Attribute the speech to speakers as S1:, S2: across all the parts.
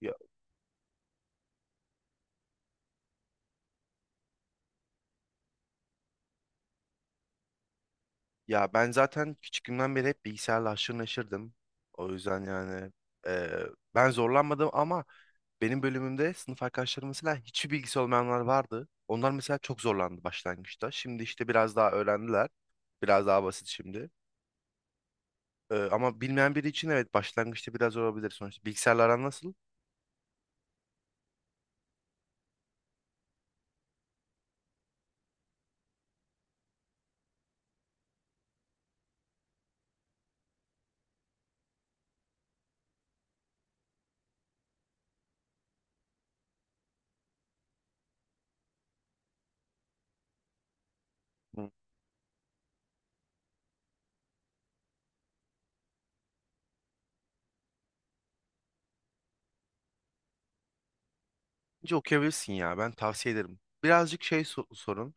S1: Ya, ya, ben zaten küçüklüğümden beri hep bilgisayarla haşır neşirdim. O yüzden yani eee, ben zorlanmadım ama benim bölümümde sınıf arkadaşlarım mesela hiçbir bilgisi olmayanlar vardı. Onlar mesela çok zorlandı başlangıçta. Şimdi işte biraz daha öğrendiler. Biraz daha basit şimdi. Ama bilmeyen biri için evet başlangıçta biraz zor olabilir sonuçta. Bilgisayarla aran nasıl? Hı. Bence okuyabilirsin ya, ben tavsiye ederim. Birazcık şey sorun.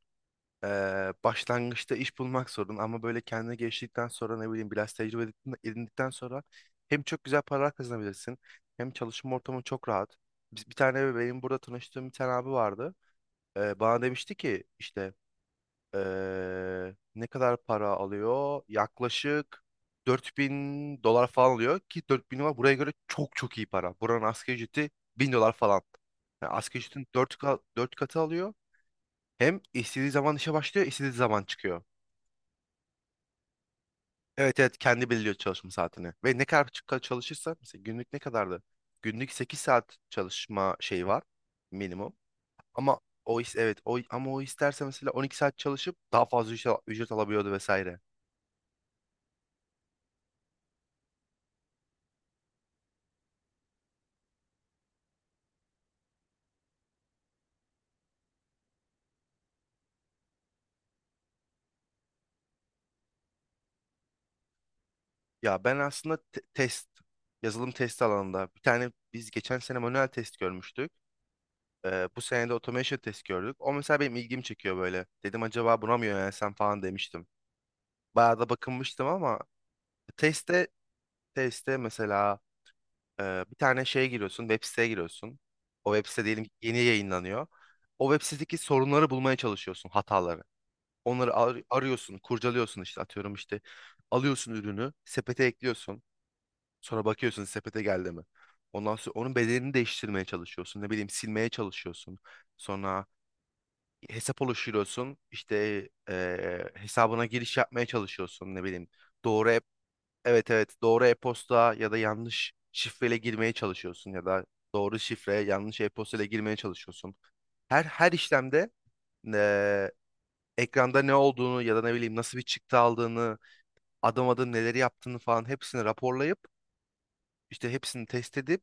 S1: Başlangıçta iş bulmak sorun ama böyle kendine geliştirdikten sonra ne bileyim biraz tecrübe edindikten sonra hem çok güzel paralar kazanabilirsin hem çalışma ortamı çok rahat. Biz bir tane benim burada tanıştığım bir tane abi vardı. Bana demişti ki işte ne kadar para alıyor? Yaklaşık 4.000 dolar falan alıyor ki 4.000 dolar buraya göre çok çok iyi para. Buranın asgari ücreti 1.000 dolar falan. Yani asgari ücretin 4 katı alıyor. Hem istediği zaman işe başlıyor, istediği zaman çıkıyor. Evet, evet, kendi belirliyor çalışma saatini. Ve ne kadar çalışırsa mesela günlük ne kadardı? Günlük 8 saat çalışma şeyi var minimum. Ama o is evet, o isterse mesela 12 saat çalışıp daha fazla ücret alabiliyordu vesaire. Ya ben aslında test yazılım test alanında bir tane biz geçen sene manuel test görmüştük. Bu sene de automation test gördük. O mesela benim ilgimi çekiyor böyle. Dedim acaba buna mı yönelsem falan demiştim. Bayağı da bakınmıştım ama testte testte mesela bir tane şeye giriyorsun, web siteye giriyorsun. O web site diyelim ki yeni yayınlanıyor. O web sitedeki sorunları bulmaya çalışıyorsun, hataları. Onları arıyorsun, kurcalıyorsun işte, atıyorum işte. Alıyorsun ürünü, sepete ekliyorsun. Sonra bakıyorsun sepete geldi mi? Ondan sonra onun bedelini değiştirmeye çalışıyorsun. Ne bileyim silmeye çalışıyorsun. Sonra hesap oluşturuyorsun. İşte hesabına giriş yapmaya çalışıyorsun. Ne bileyim doğru evet, evet, doğru e-posta ya da yanlış şifreyle girmeye çalışıyorsun ya da doğru şifre yanlış e-posta ile girmeye çalışıyorsun. Her işlemde eee, ekranda ne olduğunu ya da ne bileyim nasıl bir çıktı aldığını, adım adım neleri yaptığını falan hepsini raporlayıp işte hepsini test edip,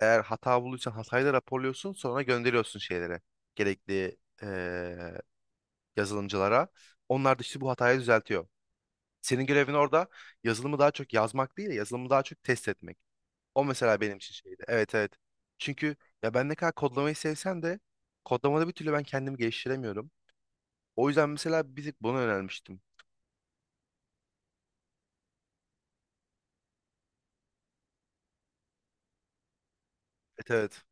S1: eğer hata bulduysan hatayı da raporluyorsun, sonra gönderiyorsun şeylere, gerekli eee, yazılımcılara. Onlar da işte bu hatayı düzeltiyor. Senin görevin orada yazılımı daha çok yazmak değil de yazılımı daha çok test etmek. O mesela benim için şeydi. Evet, evet. Çünkü ya ben ne kadar kodlamayı sevsem de kodlamada bir türlü ben kendimi geliştiremiyorum. O yüzden mesela bir tık buna yönelmiştim. Evet, evet.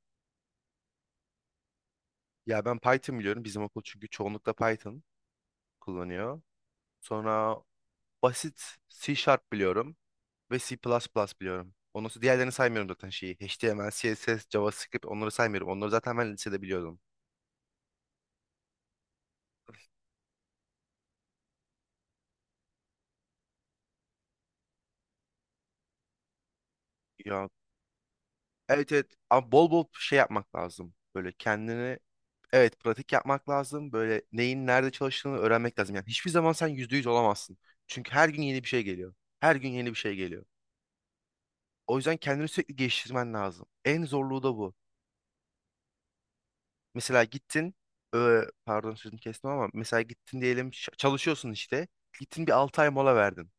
S1: Ya ben Python biliyorum. Bizim okul çünkü çoğunlukla Python kullanıyor. Sonra basit C Sharp biliyorum ve C++ biliyorum. Ondan sonra diğerlerini saymıyorum zaten şeyi. HTML, CSS, JavaScript onları saymıyorum. Onları zaten ben lisede biliyordum. Ya, evet, evet. Ama bol bol şey yapmak lazım. Böyle kendini. Evet, pratik yapmak lazım. Böyle neyin nerede çalıştığını öğrenmek lazım. Yani hiçbir zaman sen %100 olamazsın. Çünkü her gün yeni bir şey geliyor. Her gün yeni bir şey geliyor. O yüzden kendini sürekli geliştirmen lazım. En zorluğu da bu. Mesela gittin, pardon sözünü kestim ama mesela gittin diyelim çalışıyorsun işte. Gittin bir 6 ay mola verdin.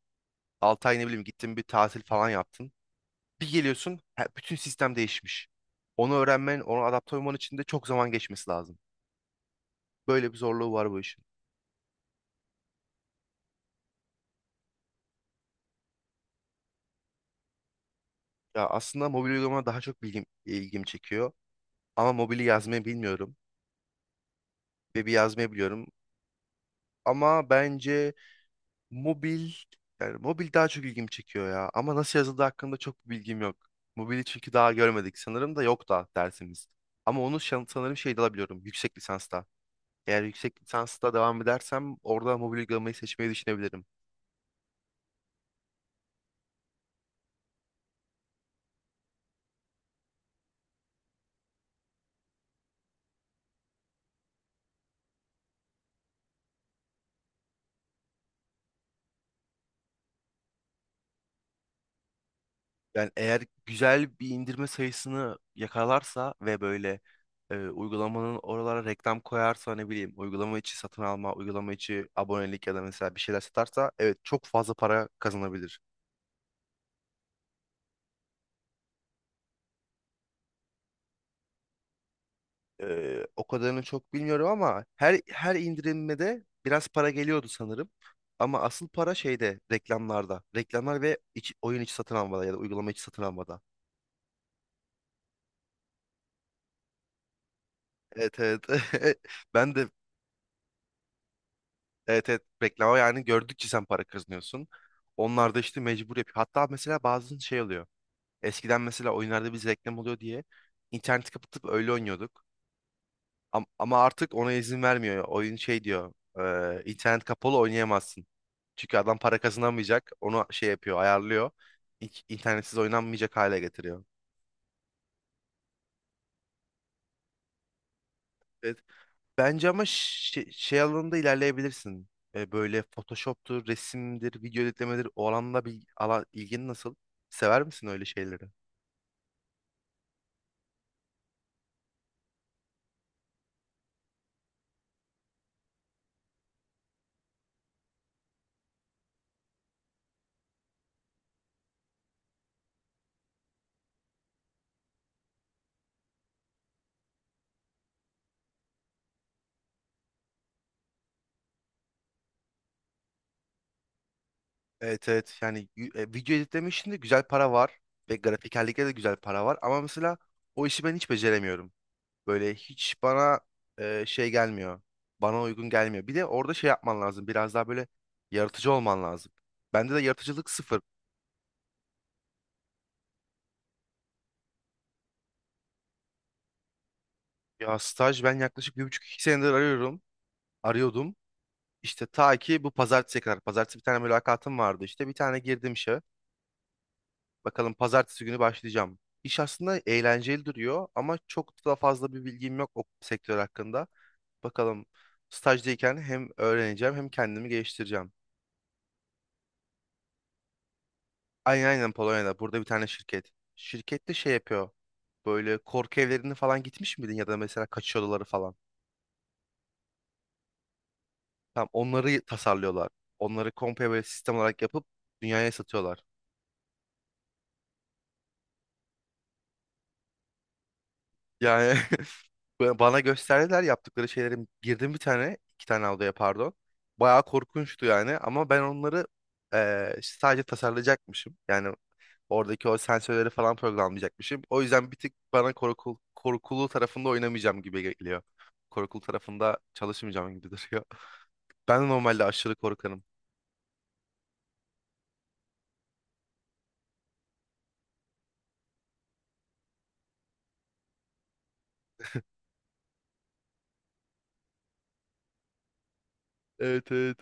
S1: 6 ay ne bileyim gittin bir tatil falan yaptın. Bir geliyorsun, bütün sistem değişmiş. Onu öğrenmen, onu adapte olman için de çok zaman geçmesi lazım. Böyle bir zorluğu var bu işin. Ya aslında mobil uygulama daha çok bilgim, ilgim çekiyor. Ama mobili yazmayı bilmiyorum. Web'i yazmayı biliyorum. Ama bence mobil, yani mobil daha çok ilgim çekiyor ya. Ama nasıl yazıldığı hakkında çok bir bilgim yok. Mobili çünkü daha görmedik. Sanırım da yok da dersimiz. Ama onu sanırım şeyde alabiliyorum. Yüksek lisansta. Eğer yüksek lisansta devam edersem orada mobil uygulamayı seçmeyi düşünebilirim. Yani eğer güzel bir indirme sayısını yakalarsa ve böyle uygulamanın oralara reklam koyarsa ne bileyim uygulama içi satın alma, uygulama içi abonelik ya da mesela bir şeyler satarsa evet çok fazla para kazanabilir. O kadarını çok bilmiyorum ama her indirilmede biraz para geliyordu sanırım. Ama asıl para şeyde, reklamlarda. Reklamlar ve oyun içi satın almada ya da uygulama içi satın almada. Evet, evet. Ben de. Evet, evet, reklama yani gördükçe sen para kazanıyorsun. Onlar da işte mecbur yapıyor. Hatta mesela bazen şey oluyor. Eskiden mesela oyunlarda biz reklam oluyor diye interneti kapatıp öyle oynuyorduk. Ama artık ona izin vermiyor. Oyun şey diyor. İnternet kapalı oynayamazsın. Çünkü adam para kazanamayacak. Onu şey yapıyor, ayarlıyor. İnternetsiz oynanmayacak hale getiriyor. Evet. Bence ama şey, şey alanında ilerleyebilirsin. Böyle Photoshop'tur, resimdir, video editlemedir. O alanda ilgin nasıl? Sever misin öyle şeyleri? Evet, evet, yani video editleme işinde güzel para var ve grafikerlikte de güzel para var ama mesela o işi ben hiç beceremiyorum. Böyle hiç bana şey gelmiyor. Bana uygun gelmiyor. Bir de orada şey yapman lazım. Biraz daha böyle yaratıcı olman lazım. Bende de yaratıcılık sıfır. Ya staj ben yaklaşık bir buçuk iki senedir arıyorum. Arıyordum. İşte ta ki bu pazartesiye kadar. Pazartesi bir tane mülakatım vardı işte. Bir tane girdim işe. Bakalım pazartesi günü başlayacağım. İş aslında eğlenceli duruyor ama çok da fazla bir bilgim yok o sektör hakkında. Bakalım stajdayken hem öğreneceğim hem kendimi geliştireceğim. Aynen Polonya'da. Burada bir tane şirket. Şirket de şey yapıyor. Böyle korku evlerine falan gitmiş miydin ya da mesela kaçış odaları falan. Tam onları tasarlıyorlar. Onları komple böyle sistem olarak yapıp dünyaya satıyorlar. Yani Bana gösterdiler yaptıkları şeyleri, girdim 1-2 tane odaya, pardon. Bayağı korkunçtu yani ama ben onları işte sadece tasarlayacakmışım. Yani oradaki o sensörleri falan programlayacakmışım. O yüzden bir tık bana korkulu tarafında oynamayacağım gibi geliyor. Korkulu tarafında çalışmayacağım gibi duruyor. Ben de normalde aşırı korkarım. Evet, evet.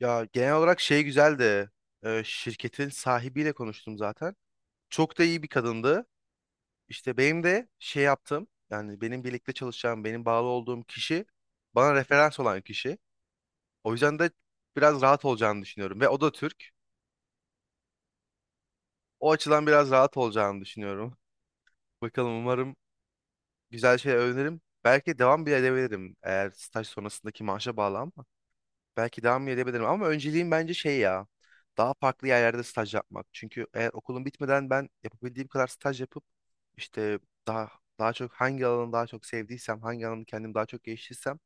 S1: Ya genel olarak şey güzeldi. Şirketin sahibiyle konuştum zaten. Çok da iyi bir kadındı. İşte benim de şey yaptığım yani benim birlikte çalışacağım, benim bağlı olduğum kişi bana referans olan kişi. O yüzden de biraz rahat olacağını düşünüyorum ve o da Türk. O açıdan biraz rahat olacağını düşünüyorum. Bakalım, umarım güzel şey öğrenirim. Belki devam bile edebilirim, eğer staj sonrasındaki maaşa bağlı ama. Belki devam bile edebilirim ama önceliğim bence şey ya. Daha farklı yerlerde staj yapmak. Çünkü eğer okulum bitmeden ben yapabildiğim kadar staj yapıp işte daha daha çok hangi alanı daha çok sevdiysem, hangi alanı kendim daha çok geliştirsem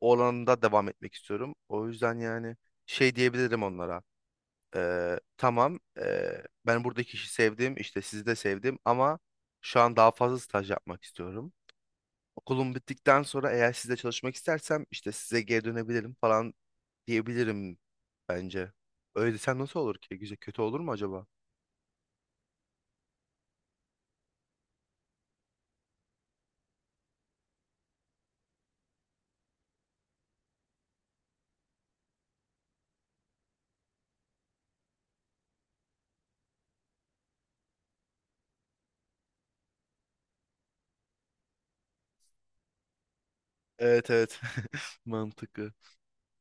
S1: o alanda devam etmek istiyorum. O yüzden yani şey diyebilirim onlara. Tamam, ben buradaki işi sevdim işte, sizi de sevdim ama şu an daha fazla staj yapmak istiyorum. Okulum bittikten sonra eğer sizle çalışmak istersem işte size geri dönebilirim falan diyebilirim bence. Öyle desem nasıl olur ki? Güzel kötü olur mu acaba? Evet, evet, mantıklı.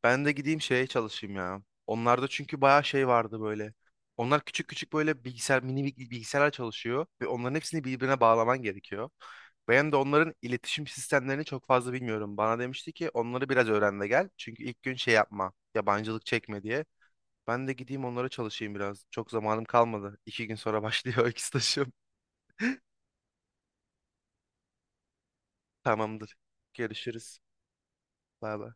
S1: Ben de gideyim şeye çalışayım ya. Onlarda çünkü bayağı şey vardı böyle. Onlar küçük küçük böyle bilgisayar, mini bilgisayarlar çalışıyor ve onların hepsini birbirine bağlaman gerekiyor. Ben de onların iletişim sistemlerini çok fazla bilmiyorum. Bana demişti ki onları biraz öğren de gel. Çünkü ilk gün şey yapma, yabancılık çekme diye. Ben de gideyim onlara çalışayım biraz. Çok zamanım kalmadı. İki gün sonra başlıyor iki stajım. Tamamdır. Görüşürüz. Bay bay.